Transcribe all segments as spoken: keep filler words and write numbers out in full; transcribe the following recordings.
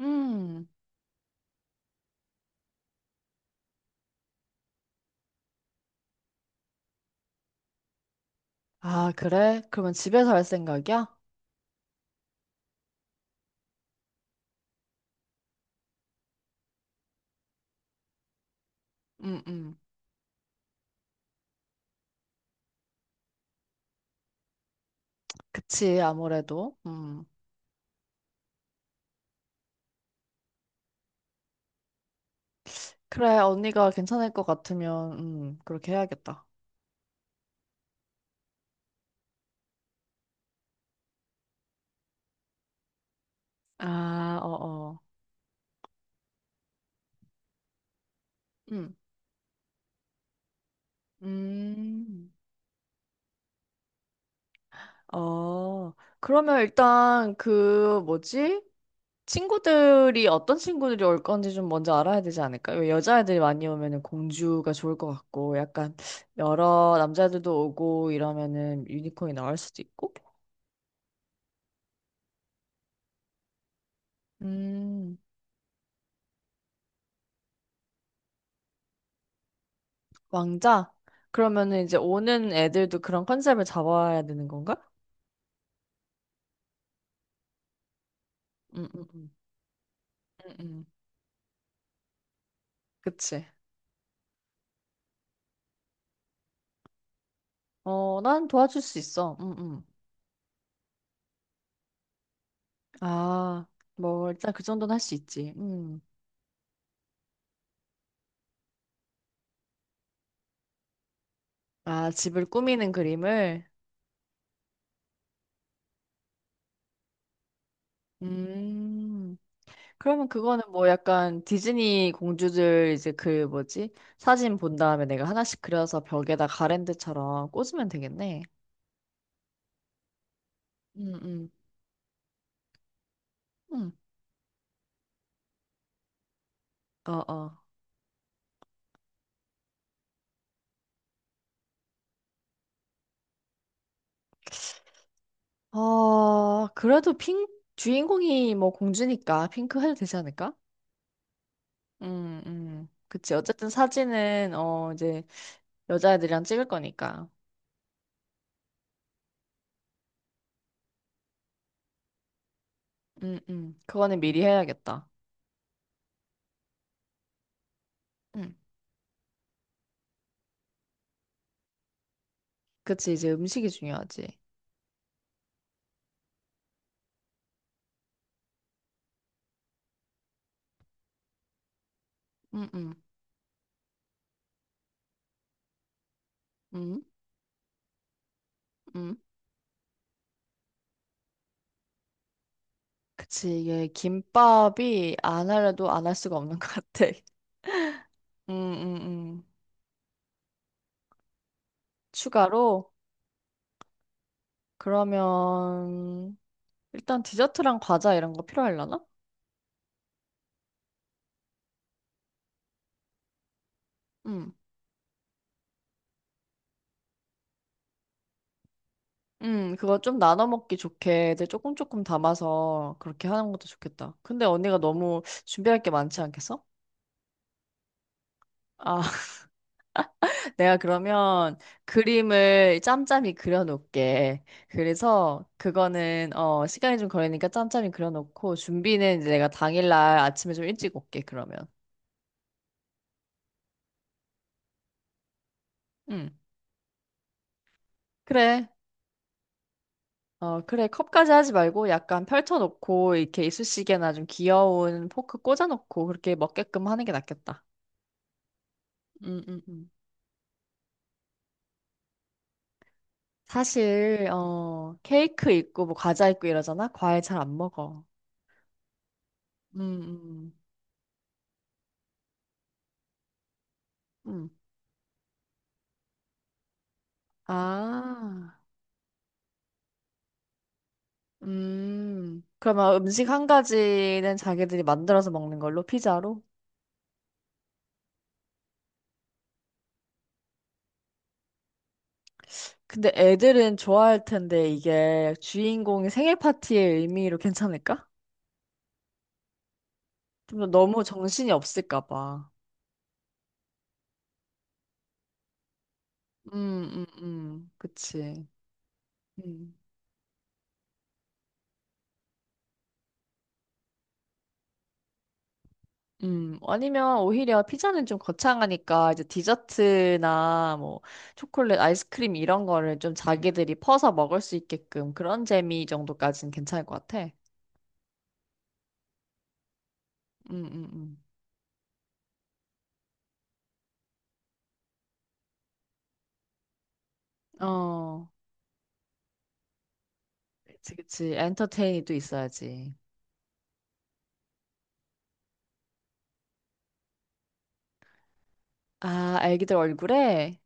음. 아, 그래? 그러면 집에서 할 생각이야? 음, 음. 그치, 아무래도. 음. 그래, 언니가 괜찮을 것 같으면, 음, 그렇게 해야겠다. 아, 어, 어. 음. 음. 어. 그러면 일단 그 뭐지? 친구들이 어떤 친구들이 올 건지 좀 먼저 알아야 되지 않을까? 왜 여자애들이 많이 오면은 공주가 좋을 것 같고, 약간 여러 남자들도 오고 이러면은 유니콘이 나올 수도 있고. 음. 왕자? 그러면은 이제 오는 애들도 그런 컨셉을 잡아야 되는 건가? 응응응응응. 그치. 어, 난 도와줄 수 있어. 응응. 아, 뭐, 일단 그 정도는 할 수 있지. 음. 아, 집을 꾸미는 그림을? 음. 그러면 그거는 뭐 약간 디즈니 공주들 이제 그 뭐지? 사진 본 다음에 내가 하나씩 그려서 벽에다 가랜드처럼 꽂으면 되겠네. 응응응. 어, 어. 아, 그래도 핑, 주인공이 뭐 공주니까 핑크 해도 되지 않을까? 음, 음, 그치. 어쨌든 사진은, 어, 이제 여자애들이랑 찍을 거니까. 음, 음, 그거는 미리 해야겠다. 음, 그치. 이제 음식이 중요하지. 음, 음, 음, 음, 그치. 이게 김밥이 안 하려도 안 할 수가 없는 것 같아. 음, 음, 음. 추가로? 그러면, 일단 디저트랑 과자 이런 거 필요하려나? 음, 그거 좀 나눠 먹기 좋게 애들 조금 조금 담아서 그렇게 하는 것도 좋겠다. 근데 언니가 너무 준비할 게 많지 않겠어? 아, 내가 그러면 그림을 짬짬이 그려놓을게. 그래서 그거는 어, 시간이 좀 걸리니까 짬짬이 그려놓고, 준비는 이제 내가 당일날 아침에 좀 일찍 올게, 그러면. 응, 그래. 어, 그래. 컵까지 하지 말고 약간 펼쳐놓고 이렇게 이쑤시개나 좀 귀여운 포크 꽂아놓고 그렇게 먹게끔 하는 게 낫겠다. 응, 응, 응. 사실 어 케이크 있고 뭐 과자 있고 이러잖아. 과일 잘 안 먹어. 음, 음. 음. 아. 음. 그러면 음식 한 가지는 자기들이 만들어서 먹는 걸로 피자로? 근데 애들은 좋아할 텐데 이게 주인공이 생일 파티의 의미로 괜찮을까? 좀 너무 정신이 없을까 봐. 음, 음, 음, 음. 그치. 음. 음, 아니면 오히려 피자는 좀 거창하니까 이제 디저트나 뭐 초콜릿, 아이스크림 이런 거를 좀 자기들이 퍼서 먹을 수 있게끔 그런 재미 정도까지는 괜찮을 것 같아. 음, 음, 음. 어, 그치, 그치. 엔터테인이도 있어야지. 아, 애기들 얼굴에?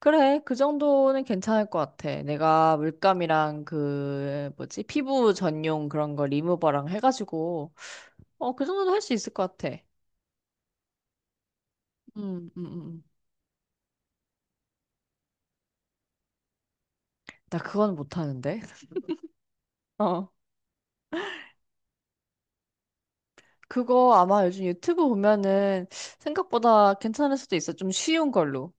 그래, 그 정도는 괜찮을 것 같아. 내가 물감이랑 그, 뭐지, 피부 전용 그런 거 리무버랑 해가지고, 어, 그 정도는 할 수 있을 것 같아. 음, 음, 음. 음. 나 그건 못하는데. 어. 그거 아마 요즘 유튜브 보면은 생각보다 괜찮을 수도 있어. 좀 쉬운 걸로.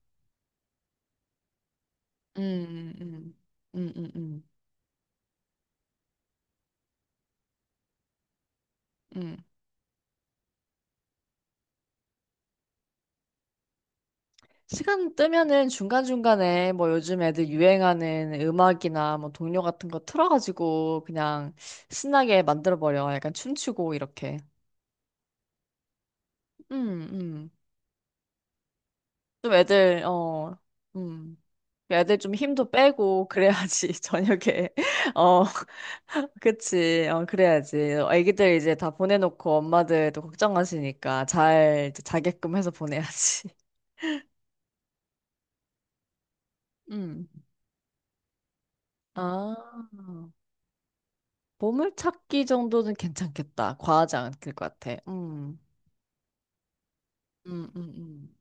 음, 음, 음, 음, 음. 음. 시간 뜨면은 중간중간에 뭐 요즘 애들 유행하는 음악이나 뭐 동료 같은 거 틀어가지고 그냥 신나게 만들어버려. 약간 춤추고 이렇게. 음, 음. 좀 애들, 어, 음. 애들 좀 힘도 빼고 그래야지 저녁에. 어. 그치. 어, 그래야지. 애기들 이제 다 보내놓고 엄마들도 걱정하시니까 잘 이제 자게끔 해서 보내야지. 음. 아, 보물찾기 정도는 괜찮겠다. 과하지 않을 것 같아. 음. 음, 음, 음.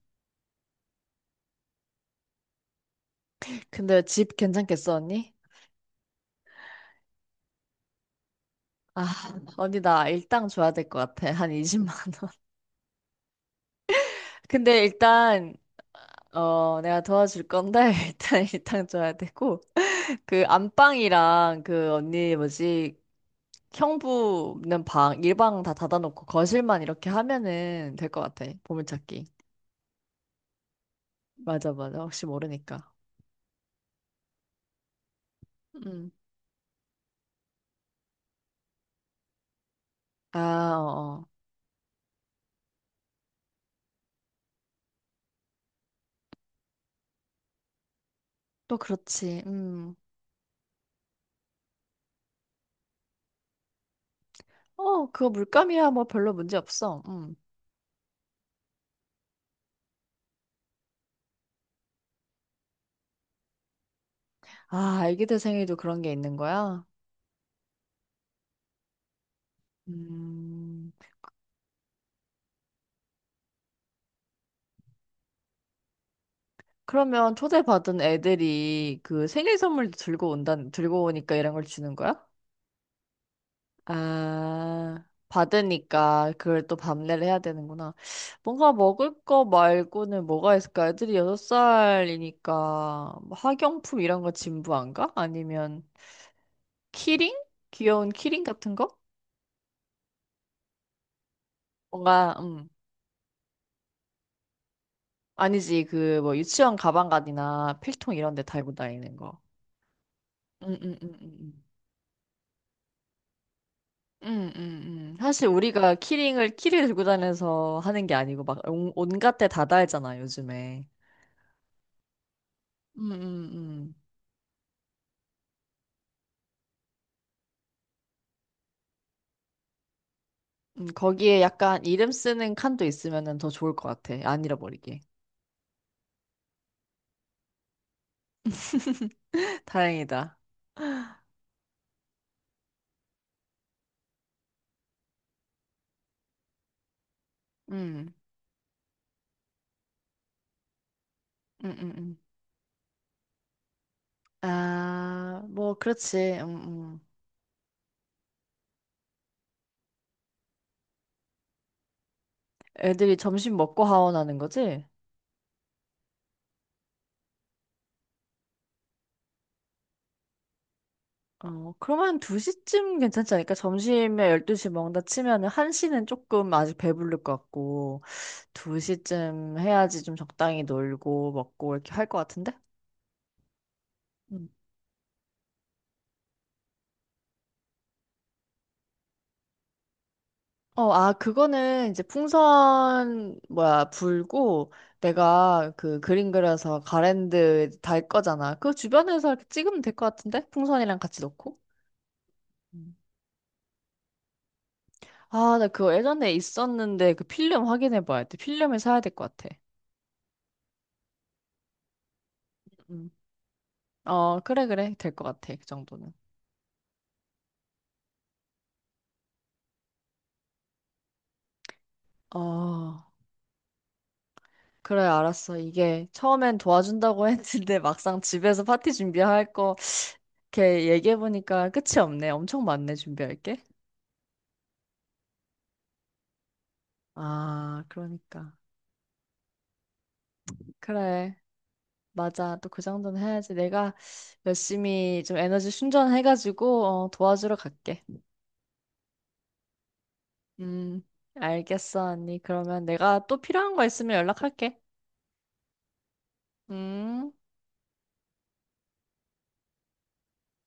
근데 집 괜찮겠어, 언니? 아, 언니 나 일당 줘야 될 것 같아. 한 이십만 원. 근데 일단 어, 내가 도와줄 건데 일단 일당 줘야 되고 그 안방이랑 그 언니 뭐지? 형부는 방, 일방 다 닫아놓고 거실만 이렇게 하면은 될 것 같아. 보물찾기. 맞아, 맞아. 혹시 모르니까. 음. 아, 어. 어. 또 그렇지. 음. 어, 그거 물감이야. 뭐 별로 문제 없어. 음. 아, 애기들 생일도 그런 게 있는 거야? 음. 그러면 초대받은 애들이 그 생일 선물도 들고 온다, 들고 오니까 이런 걸 주는 거야? 아, 받으니까 그걸 또 밤내를 해야 되는구나. 뭔가 먹을 거 말고는 뭐가 있을까? 애들이 여섯 살이니까 뭐 학용품 이런 거 진부 안 가? 아니면 키링? 귀여운 키링 같은 거? 뭔가 음. 아니지, 그 뭐 유치원 가방가디나 필통 이런 데 달고 다니는 거. 음, 음, 음, 음. 음, 음, 음. 음. 사실 우리가 키링을 키를 들고 다녀서 하는 게 아니고 막 온- 온갖 데 다 달잖아 요즘에. 음, 음, 음. 음, 거기에 약간 이름 쓰는 칸도 있으면은 더 좋을 것 같아. 안 잃어버리게. 다행이다. 음, 음, 음, 음. 아, 뭐, 그렇지. 음, 음. 애들이 점심 먹고 하원하는 거지? 어, 그러면 두 시쯤 괜찮지 않을까? 점심에 열두 시 먹는다 치면은 한 시는 조금 아직 배부를 것 같고, 두 시쯤 해야지 좀 적당히 놀고 먹고 이렇게 할 것 같은데? 어, 아, 그거는 이제 풍선, 뭐야, 불고 내가 그 그림 그려서 가랜드 달 거잖아. 그 주변에서 이렇게 찍으면 될 것 같은데? 풍선이랑 같이 넣고. 음. 아, 나 그거 예전에 있었는데 그 필름 확인해 봐야 돼. 필름을 사야 될 것 같아. 음. 어, 그래, 그래. 될 것 같아. 그 정도는. 어, 그래, 알았어. 이게 처음엔 도와준다고 했는데 막상 집에서 파티 준비할 거 이렇게 얘기해 보니까 끝이 없네. 엄청 많네, 준비할 게. 아, 그러니까. 그래, 맞아. 또 그 정도는 해야지. 내가 열심히 좀 에너지 충전해가지고 어, 도와주러 갈게. 음, 알겠어, 언니. 그러면 내가 또 필요한 거 있으면 연락할게. 음.